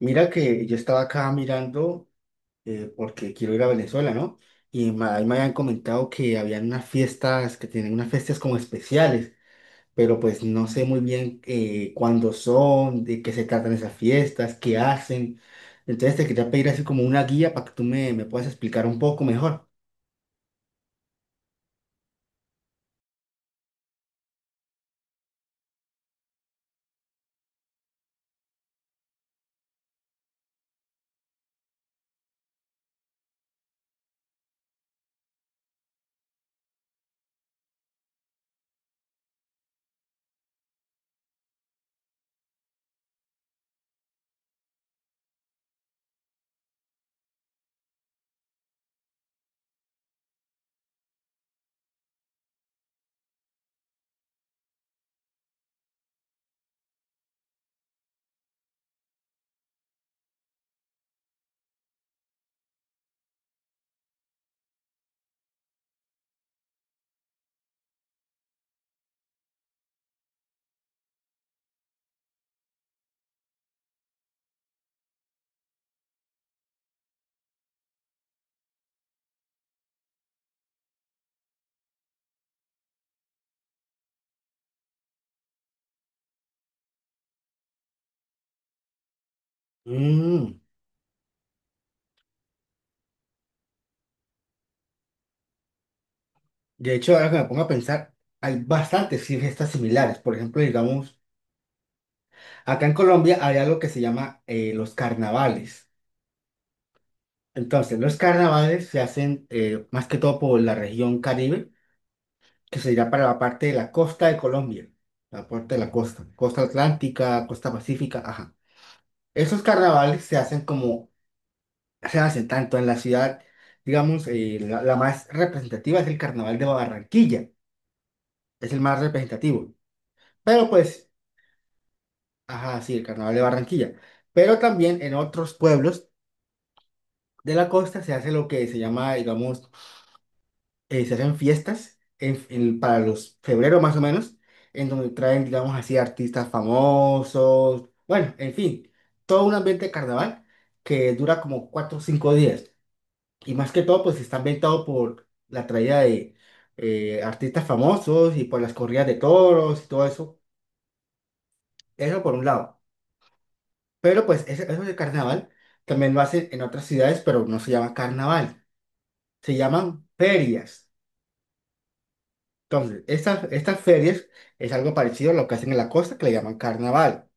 Mira que yo estaba acá mirando porque quiero ir a Venezuela, ¿no? Ahí me habían comentado que habían unas fiestas, que tienen unas fiestas como especiales, pero pues no sé muy bien cuándo son, de qué se tratan esas fiestas, qué hacen. Entonces te quería pedir así como una guía para que tú me puedas explicar un poco mejor. Mm. De hecho, ahora que me pongo a pensar, hay bastantes sí, fiestas similares. Por ejemplo, digamos, acá en Colombia hay algo que se llama los carnavales. Entonces, los carnavales se hacen más que todo por la región Caribe, que sería para la parte de la costa de Colombia, la parte de la costa, costa atlántica, costa pacífica, ajá. Esos carnavales se hacen como, se hacen tanto en la ciudad, digamos, la más representativa es el carnaval de Barranquilla, es el más representativo. Pero pues, ajá, sí, el carnaval de Barranquilla. Pero también en otros pueblos de la costa se hace lo que se llama, digamos, se hacen fiestas para los febrero más o menos, en donde traen, digamos así, artistas famosos, bueno, en fin, todo un ambiente de carnaval que dura como cuatro o cinco días. Y más que todo, pues está ambientado por la traída de artistas famosos y por las corridas de toros y todo eso. Eso por un lado. Pero pues eso de carnaval también lo hacen en otras ciudades, pero no se llama carnaval, se llaman ferias. Entonces, estas ferias es algo parecido a lo que hacen en la costa, que le llaman carnaval.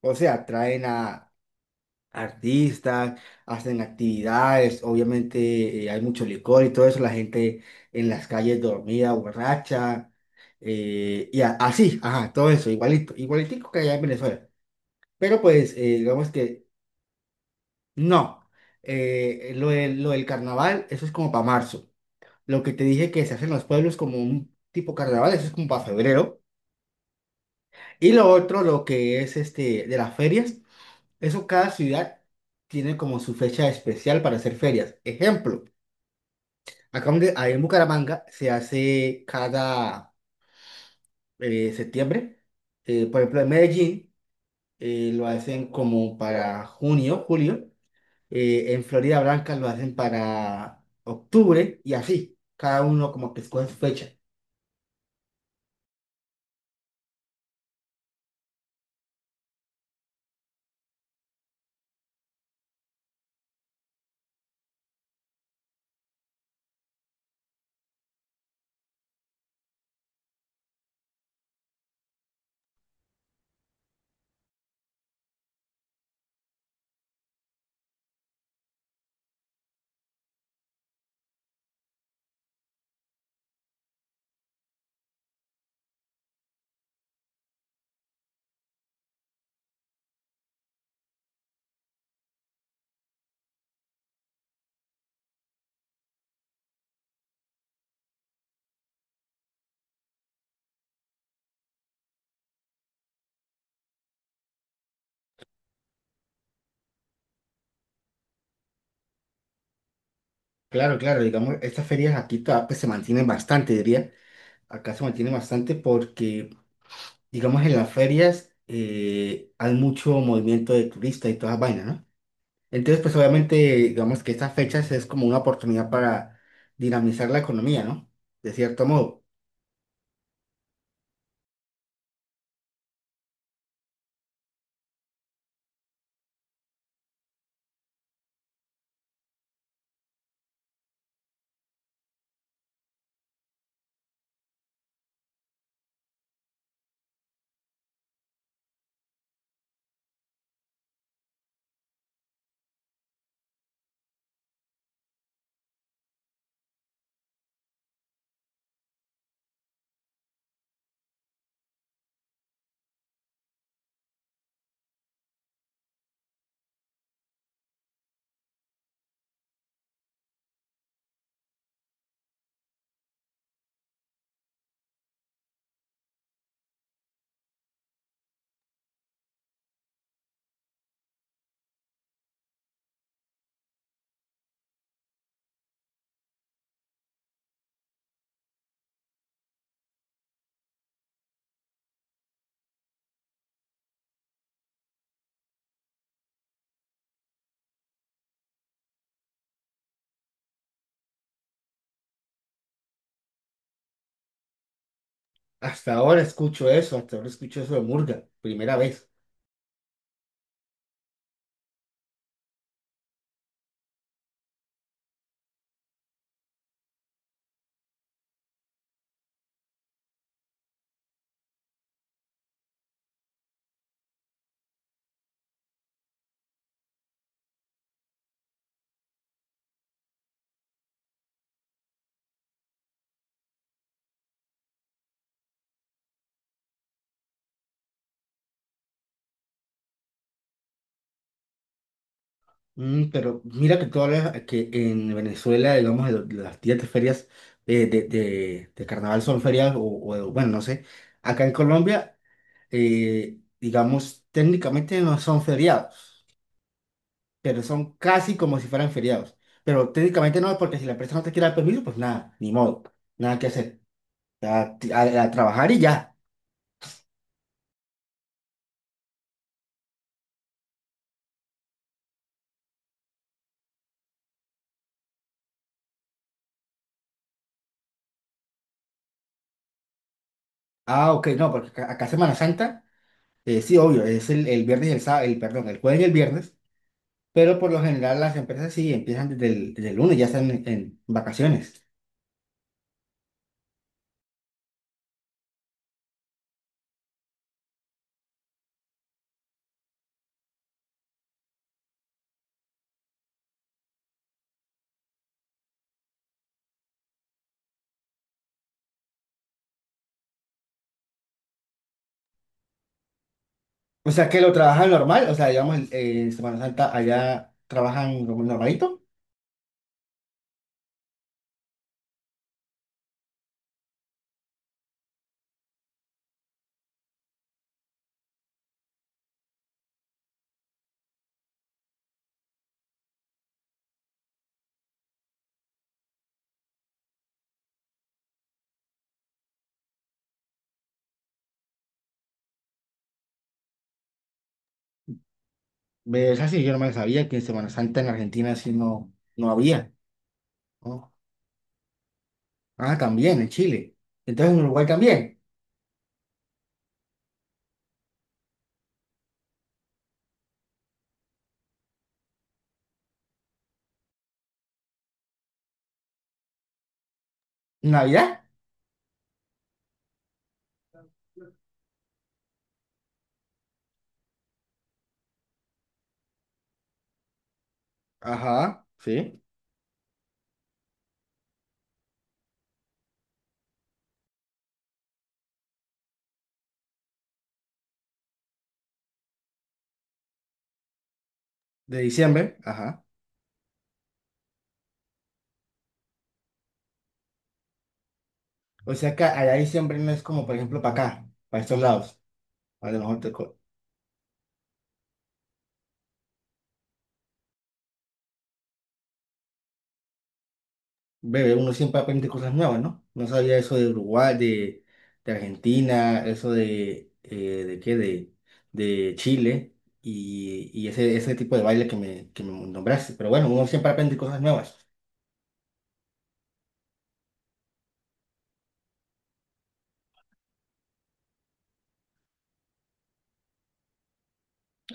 O sea, traen a artistas, hacen actividades, obviamente hay mucho licor y todo eso, la gente en las calles dormida, borracha, y así, ajá, todo eso, igualito, igualitico que allá en Venezuela. Pero pues, digamos que no. Lo del carnaval, eso es como para marzo. Lo que te dije que se hace en los pueblos como un tipo carnaval, eso es como para febrero. Y lo otro, lo que es este de las ferias, eso cada ciudad tiene como su fecha especial para hacer ferias. Ejemplo, acá donde, ahí en Bucaramanga se hace cada septiembre. Por ejemplo, en Medellín lo hacen como para junio, julio. En Florida Blanca lo hacen para octubre y así. Cada uno como que escoge su fecha. Claro, claro, digamos, estas ferias aquí todavía, pues, se mantienen bastante, diría. Acá se mantienen bastante porque digamos, en las ferias hay mucho movimiento de turistas y todas esas vainas, ¿no? Entonces, pues obviamente, digamos que estas fechas es como una oportunidad para dinamizar la economía, ¿no? De cierto modo. Hasta ahora escucho eso, hasta ahora escucho eso de murga, primera vez. Mm, pero mira que todas que en Venezuela, digamos, las días de ferias de carnaval son ferias o, bueno, no sé. Acá en Colombia, digamos, técnicamente no son feriados, pero son casi como si fueran feriados. Pero técnicamente no, porque si la empresa no te quiere dar permiso, pues nada, ni modo, nada que hacer. A, a trabajar y ya. Ah, ok, no, porque acá, acá Semana Santa, sí, obvio, es el viernes y el sábado, el, perdón, el jueves y el viernes, pero por lo general las empresas sí empiezan desde el lunes, ya están en vacaciones. O sea que lo trabajan normal, o sea, digamos, en Semana Santa allá trabajan como normalito. Es así, yo no me sabía que en Semana Santa en Argentina sí no, no había. ¿No? Ah, también, en Chile. Entonces en Uruguay también. ¿Navidad? Ajá, sí. De diciembre, ajá. O sea que allá diciembre no es como, por ejemplo, para acá, para estos lados. A lo mejor te bebé, uno siempre aprende cosas nuevas, ¿no? No sabía eso de Uruguay, de Argentina, eso ¿de qué? De Chile y ese tipo de baile que me nombraste. Pero bueno, uno siempre aprende cosas nuevas.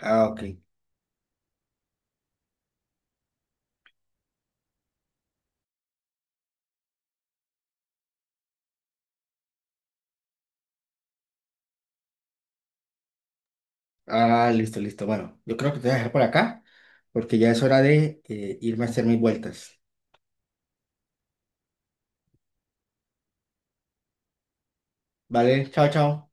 Ah, ok. Ah, listo, listo. Bueno, yo creo que te voy a dejar por acá porque ya es hora de irme a hacer mis vueltas. Vale, chao, chao.